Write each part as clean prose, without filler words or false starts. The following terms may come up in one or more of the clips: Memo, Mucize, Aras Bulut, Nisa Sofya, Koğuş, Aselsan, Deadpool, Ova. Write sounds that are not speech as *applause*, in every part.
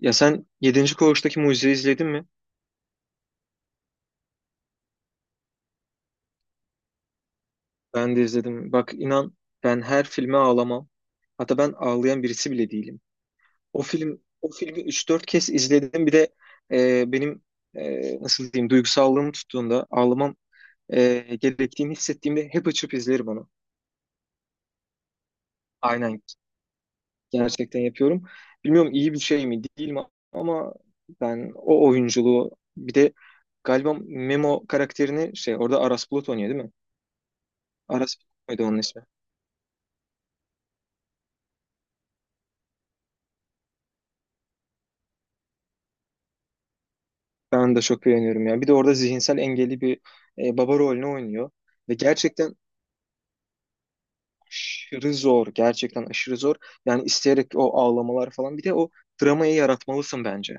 Ya sen yedinci Koğuş'taki Mucize'yi izledin mi? Ben de izledim. Bak inan ben her filme ağlamam. Hatta ben ağlayan birisi bile değilim. O film o filmi üç dört kez izledim. Bir de benim nasıl diyeyim duygusallığım tuttuğunda ağlamam gerektiğini hissettiğimde hep açıp izlerim onu. Aynen, gerçekten yapıyorum. Bilmiyorum iyi bir şey mi değil mi, ama ben o oyunculuğu, bir de galiba Memo karakterini şey orada Aras Bulut oynuyor değil mi? Aras Bulut muydu onun ismi? Ben de çok beğeniyorum ya. Bir de orada zihinsel engelli bir baba rolünü oynuyor. Ve gerçekten aşırı zor. Gerçekten aşırı zor. Yani isteyerek o ağlamalar falan. Bir de o dramayı yaratmalısın bence.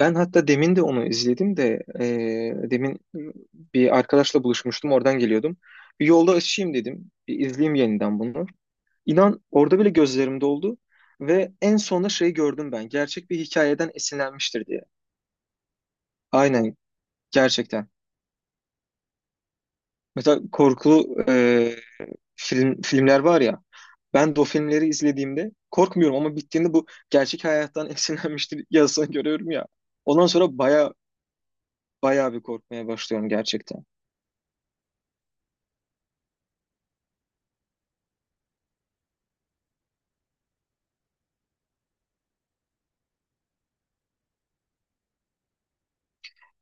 Ben hatta demin de onu izledim de demin bir arkadaşla buluşmuştum. Oradan geliyordum. Bir yolda açayım dedim. Bir izleyeyim yeniden bunu. İnan orada bile gözlerim doldu. Ve en sonunda şeyi gördüm ben. Gerçek bir hikayeden esinlenmiştir diye. Aynen, gerçekten. Mesela korkulu filmler var ya. Ben de o filmleri izlediğimde korkmuyorum ama bittiğinde bu gerçek hayattan *laughs* esinlenmiştir yazısını görüyorum ya. Ondan sonra baya bir korkmaya başlıyorum gerçekten.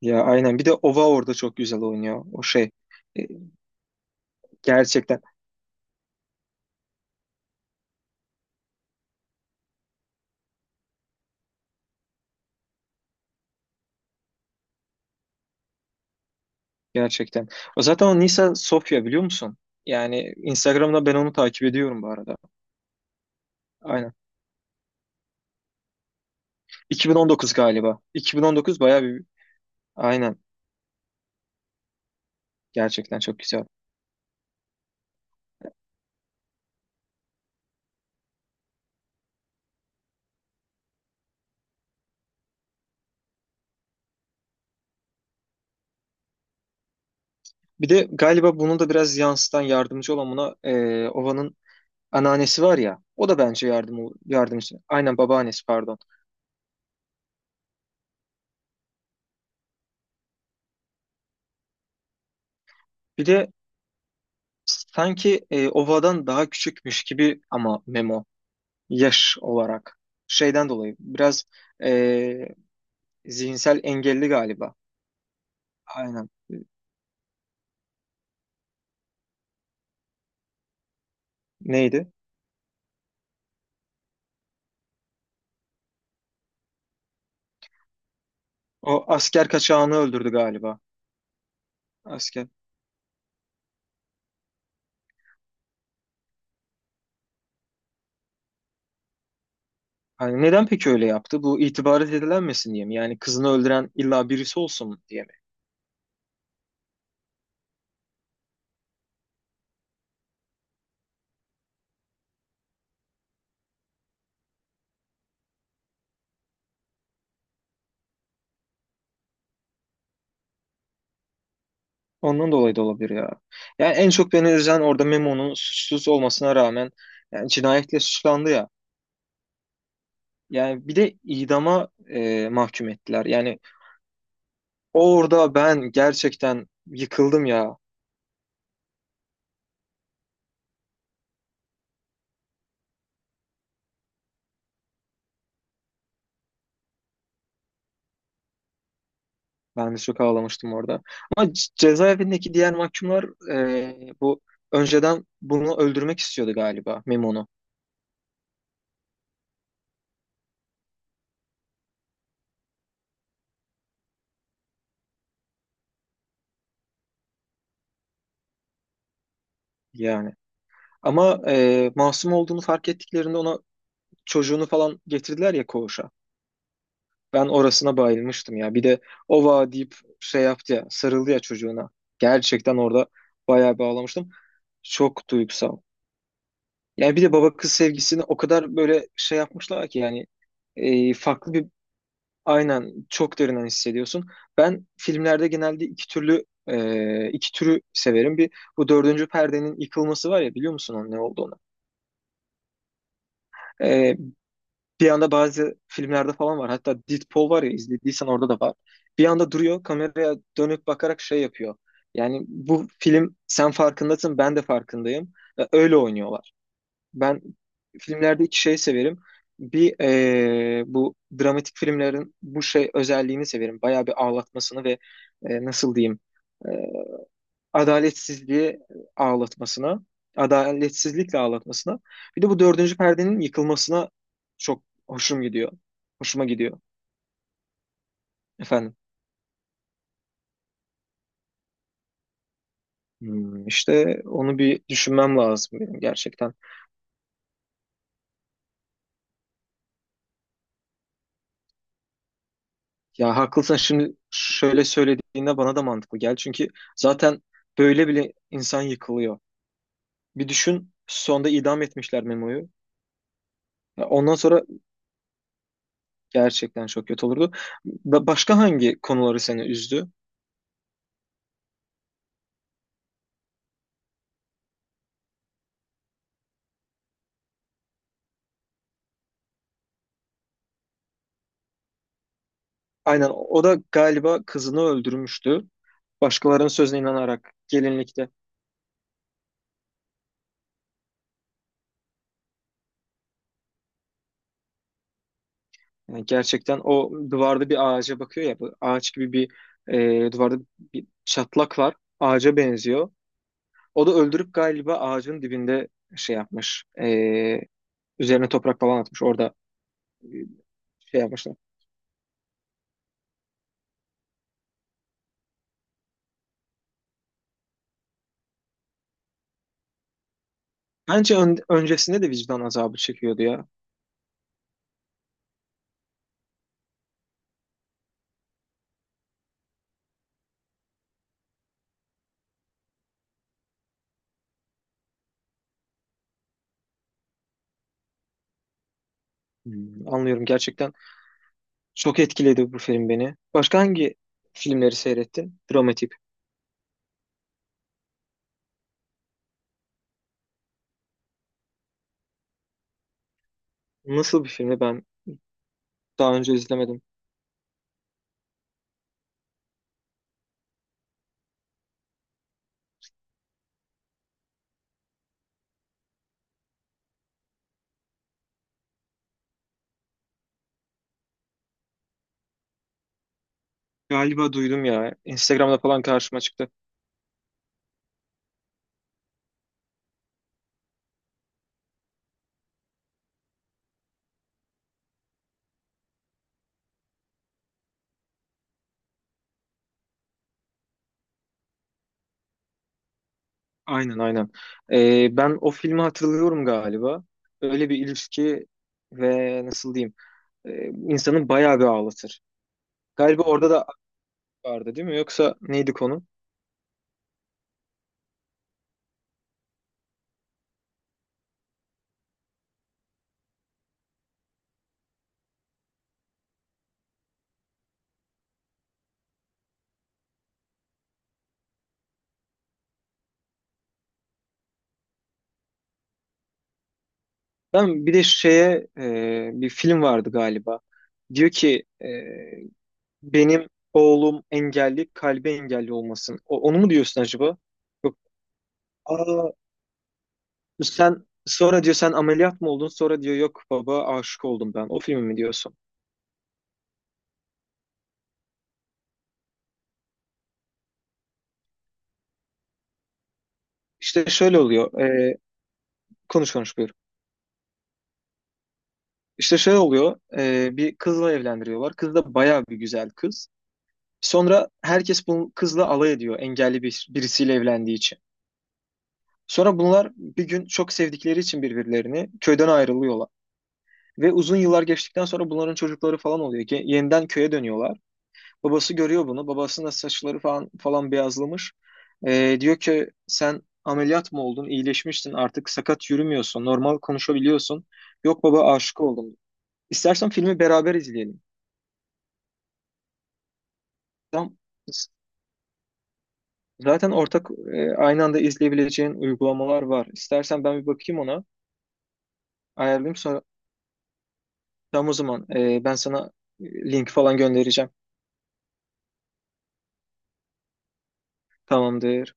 Ya aynen, bir de Ova orada çok güzel oynuyor o şey. E, Gerçekten, gerçekten. O zaten o Nisa Sofya, biliyor musun? Yani Instagram'da ben onu takip ediyorum bu arada. Aynen. 2019 galiba. 2019 baya bir aynen, gerçekten çok güzel. Bir de galiba bunu da biraz yansıtan, yardımcı olan buna Ova'nın anneannesi var ya, o da bence yardım, yardımcı. Aynen, babaannesi pardon. Bir de sanki Ova'dan daha küçükmüş gibi ama Memo yaş olarak şeyden dolayı biraz e, zihinsel engelli galiba. Aynen. Neydi? O asker kaçağını öldürdü galiba. Asker. Hani neden peki öyle yaptı? Bu itibar edilenmesin diye mi? Yani kızını öldüren illa birisi olsun diye mi? Ondan dolayı da olabilir ya. Yani en çok beni üzen orada Memo'nun suçsuz olmasına rağmen yani cinayetle suçlandı ya. Yani bir de idama mahkum ettiler. Yani orada ben gerçekten yıkıldım ya. Ben de çok ağlamıştım orada. Ama cezaevindeki diğer mahkumlar e, bu önceden bunu öldürmek istiyordu galiba Memo'nu yani. Ama masum olduğunu fark ettiklerinde ona çocuğunu falan getirdiler ya, koğuşa. Ben orasına bayılmıştım ya. Bir de ova deyip şey yaptı ya, sarıldı ya çocuğuna. Gerçekten orada bayağı bağlamıştım. Çok duygusal. Yani bir de baba kız sevgisini o kadar böyle şey yapmışlar ki, yani farklı bir aynen, çok derinden hissediyorsun. Ben filmlerde genelde iki türlü iki türü severim. Bir, bu dördüncü perdenin yıkılması var ya, biliyor musun onun ne olduğunu? E, Bir anda bazı filmlerde falan var. Hatta Deadpool var ya, izlediysen orada da var. Bir anda duruyor, kameraya dönüp bakarak şey yapıyor. Yani bu film, sen farkındasın ben de farkındayım. Ve öyle oynuyorlar. Ben filmlerde iki şey severim. Bir, bu dramatik filmlerin bu şey özelliğini severim. Bayağı bir ağlatmasını ve nasıl diyeyim, e, adaletsizliğe ağlatmasına, adaletsizlikle ağlatmasına. Bir de bu dördüncü perdenin yıkılmasına çok hoşum gidiyor. Hoşuma gidiyor efendim. Hmm, işte onu bir düşünmem lazım benim gerçekten. Ya haklısın, şimdi şöyle söylediğinde bana da mantıklı gel. Çünkü zaten böyle bile insan yıkılıyor. Bir düşün, sonda idam etmişler Memo'yu. Ya ondan sonra gerçekten çok kötü olurdu. Başka hangi konuları seni üzdü? Aynen, o da galiba kızını öldürmüştü. Başkalarının sözüne inanarak, gelinlikte. Yani gerçekten o duvarda bir ağaca bakıyor ya. Bu ağaç gibi bir duvarda bir çatlak var. Ağaca benziyor. O da öldürüp galiba ağacın dibinde şey yapmış. Üzerine toprak falan atmış. Orada e, şey yapmışlar. Bence öncesinde de vicdan azabı çekiyordu ya. Hmm, anlıyorum gerçekten. Çok etkiledi bu film beni. Başka hangi filmleri seyrettin? Dramatik. Nasıl bir filmi ben daha önce izlemedim. Galiba duydum ya. Instagram'da falan karşıma çıktı. Aynen, aynen. Ben o filmi hatırlıyorum galiba. Öyle bir ilişki ve nasıl diyeyim, e, insanı bayağı bir ağlatır. Galiba orada da aşk vardı değil mi? Yoksa neydi konu? Ben bir de şeye bir film vardı galiba. Diyor ki benim oğlum engelli, kalbi engelli olmasın. Onu mu diyorsun acaba? Yok. Aa, sen sonra diyor sen ameliyat mı oldun? Sonra diyor yok baba, aşık oldum ben. O filmi mi diyorsun? İşte şöyle oluyor. Konuş konuş, buyur. İşte şöyle oluyor. Bir kızla evlendiriyorlar. Kız da bayağı bir güzel kız. Sonra herkes bu kızla alay ediyor. Engelli bir, birisiyle evlendiği için. Sonra bunlar bir gün çok sevdikleri için birbirlerini, köyden ayrılıyorlar. Ve uzun yıllar geçtikten sonra bunların çocukları falan oluyor, ki yeniden köye dönüyorlar. Babası görüyor bunu. Babasının da saçları falan falan beyazlamış. Diyor ki sen ameliyat mı oldun? İyileşmiştin, artık sakat yürümüyorsun. Normal konuşabiliyorsun. Yok baba, aşık oldum. İstersen filmi beraber izleyelim. Tam, zaten ortak, aynı anda izleyebileceğin uygulamalar var. İstersen ben bir bakayım ona. Ayarlayayım sonra. Tamam, o zaman ben sana e, link falan göndereceğim. Tamamdır.